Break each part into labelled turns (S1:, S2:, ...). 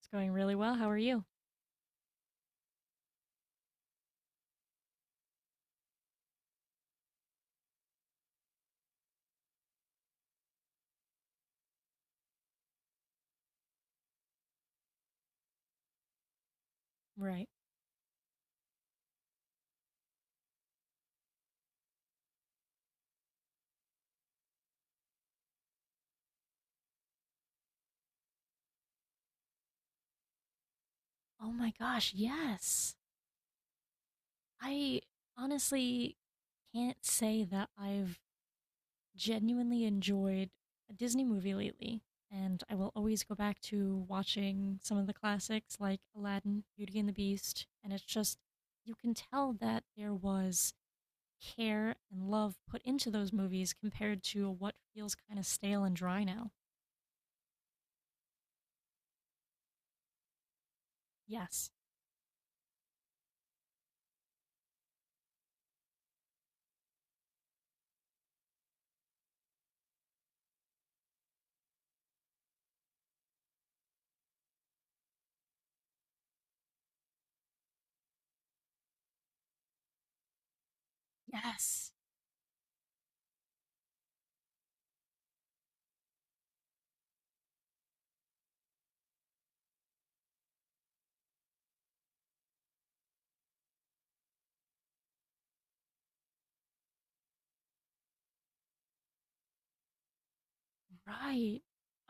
S1: It's going really well. How are you? Right. Oh my gosh, yes. I honestly can't say that I've genuinely enjoyed a Disney movie lately. And I will always go back to watching some of the classics like Aladdin, Beauty and the Beast. And it's just, you can tell that there was care and love put into those movies compared to what feels kind of stale and dry now. Yes. Yes. Right.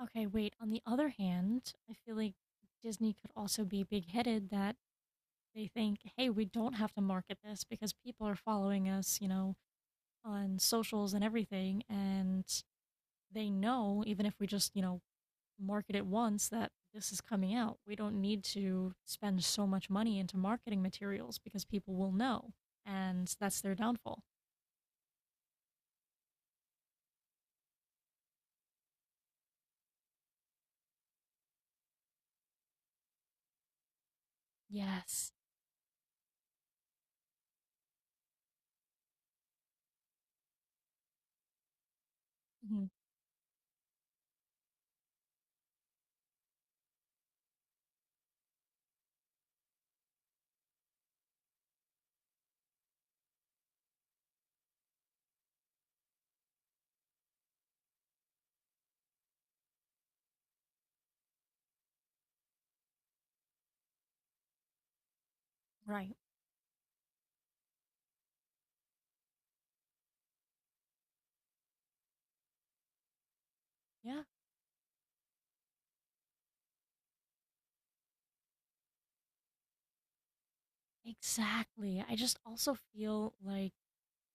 S1: Okay, wait. On the other hand, I feel like Disney could also be big headed that they think, hey, we don't have to market this because people are following us, on socials and everything. And they know, even if we just, market it once, that this is coming out. We don't need to spend so much money into marketing materials because people will know. And that's their downfall. Yes. Mhm. Right. Yeah. Exactly. I just also feel like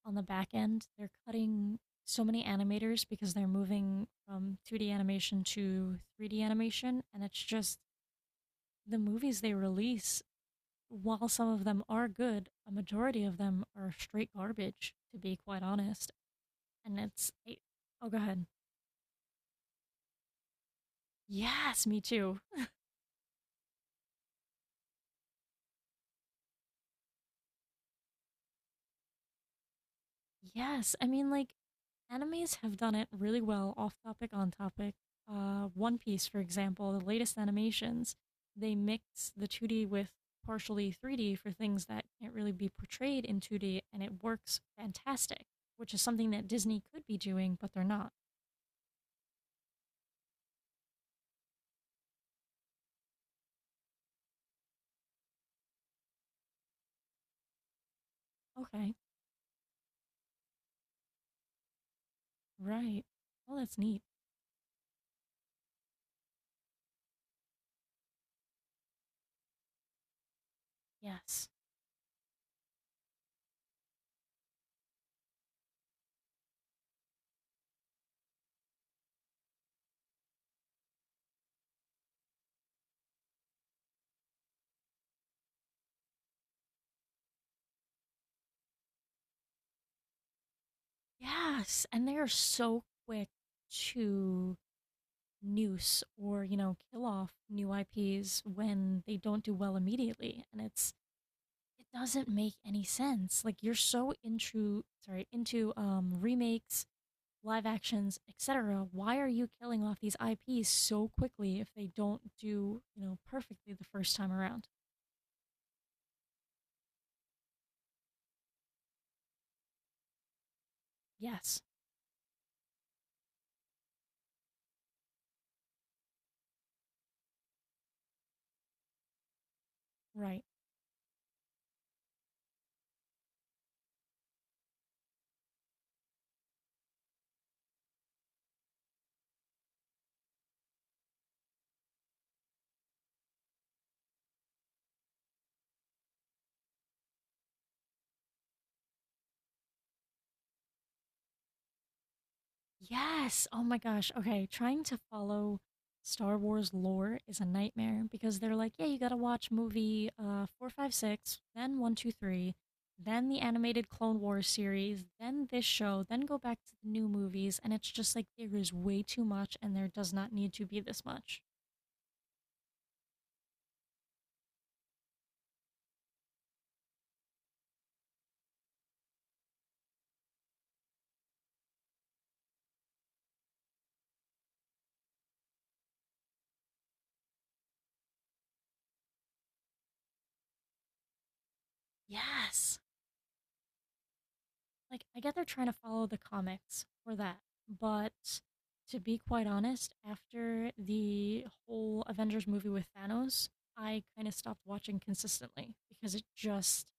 S1: on the back end, they're cutting so many animators because they're moving from 2D animation to 3D animation, and it's just the movies they release. While some of them are good, a majority of them are straight garbage, to be quite honest. And it's, I- oh, go ahead. Yes, me too. Yes, I mean, like, animes have done it really well, off topic, on topic. One Piece, for example, the latest animations, they mix the 2D with partially 3D for things that can't really be portrayed in 2D, and it works fantastic, which is something that Disney could be doing, but they're not. Okay, right. Well, that's neat. Yes. Yes, and they are so quick to noose or kill off new IPs when they don't do well immediately, and it doesn't make any sense. Like, you're so into, sorry, into remakes, live actions, etc. Why are you killing off these IPs so quickly if they don't do, perfectly the first time around? Yes. Right. Yes. Oh my gosh. Okay. Trying to follow Star Wars lore is a nightmare because they're like, yeah, you got to watch movie 456, then 123, then the animated Clone Wars series, then this show, then go back to the new movies. And it's just like, there is way too much and there does not need to be this much. Yes. Like, I get they're trying to follow the comics for that, but to be quite honest, after the whole Avengers movie with Thanos, I kind of stopped watching consistently because it just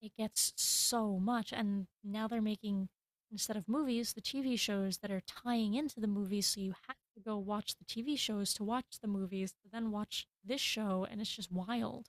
S1: it gets so much. And now they're making, instead of movies, the TV shows that are tying into the movies, so you have to go watch the TV shows to watch the movies to then watch this show, and it's just wild.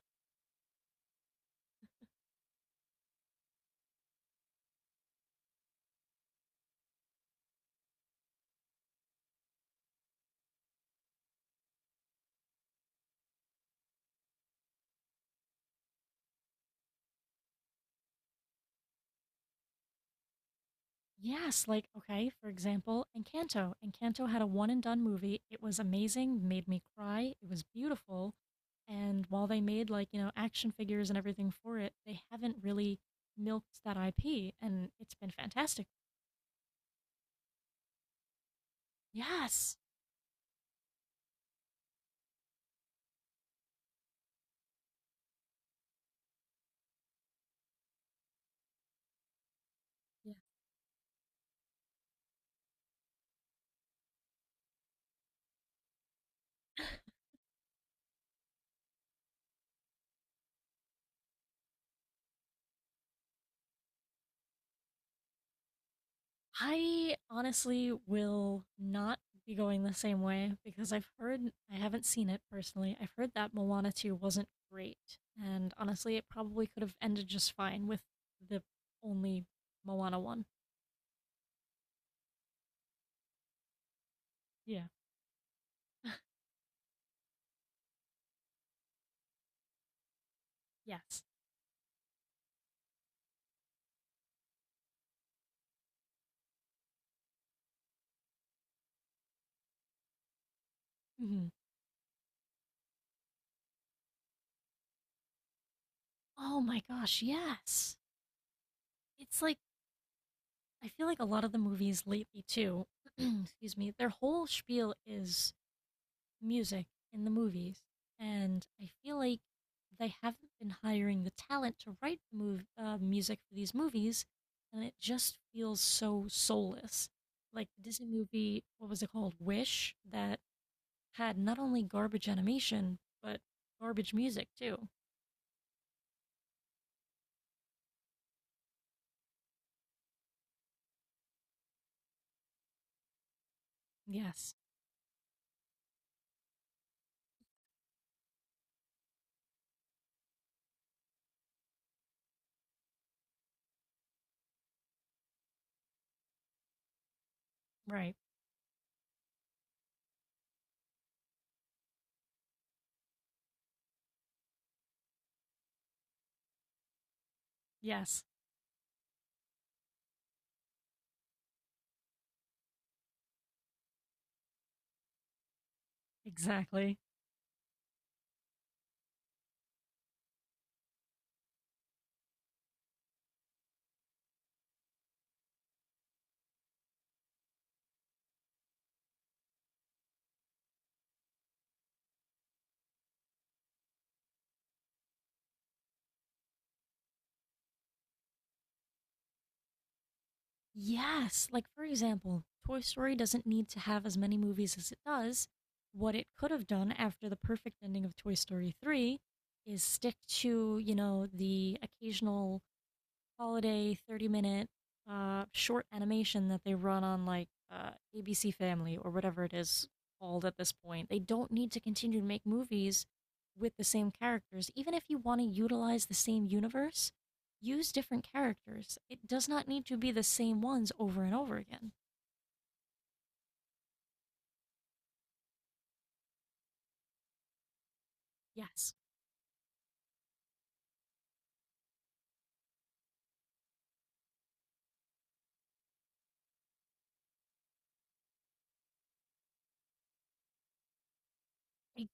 S1: Yes, like okay, for example, Encanto. Had a one and done movie. It was amazing, made me cry. It was beautiful. And while they made, like, action figures and everything for it, they haven't really milked that IP, and it's been fantastic. Yes. I honestly will not be going the same way because I've heard, I haven't seen it personally. I've heard that Moana 2 wasn't great. And honestly, it probably could have ended just fine with the only Moana 1. Yeah. Yes. Hmm. Oh my gosh, yes. It's like, I feel like a lot of the movies lately, too, excuse me, their whole spiel is music in the movies, and I feel like they haven't been hiring the talent to write the music for these movies, and it just feels so soulless. Like the Disney movie, what was it called? Wish, that had not only garbage animation, but garbage music too. Yes, right. Yes, exactly. Yes, like for example, Toy Story doesn't need to have as many movies as it does. What it could have done after the perfect ending of Toy Story 3 is stick to, the occasional holiday 30 minute short animation that they run on like ABC Family or whatever it is called at this point. They don't need to continue to make movies with the same characters. Even if you want to utilize the same universe, use different characters. It does not need to be the same ones over and over again. Yes, I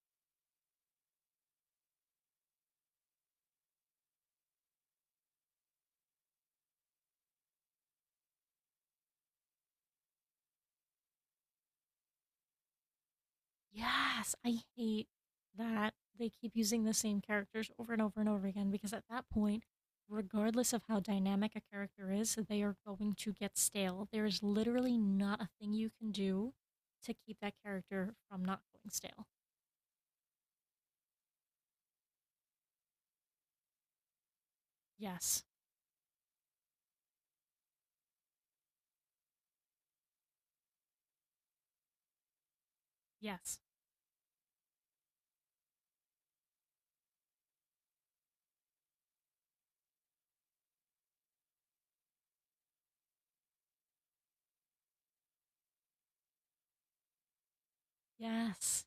S1: Yes, I hate that they keep using the same characters over and over and over again because at that point, regardless of how dynamic a character is, they are going to get stale. There is literally not a thing you can do to keep that character from not going stale. Yes, yes, yes.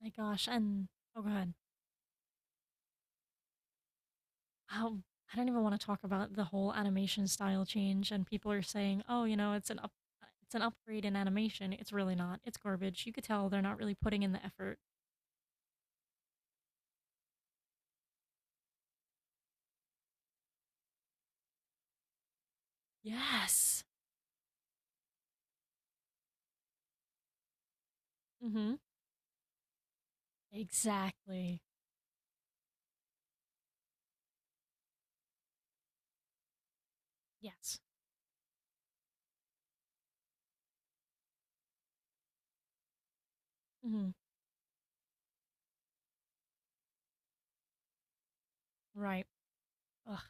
S1: My gosh, and oh god. How I don't even wanna talk about the whole animation style change, and people are saying, "Oh, it's an upgrade in animation." It's really not, it's garbage, you could tell they're not really putting in the effort. Yes. Mhm. Exactly. Yes. Mhm. Right. Ugh,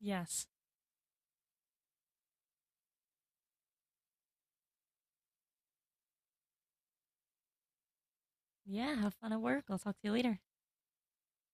S1: yes. Yeah, have fun at work, I'll talk to you later.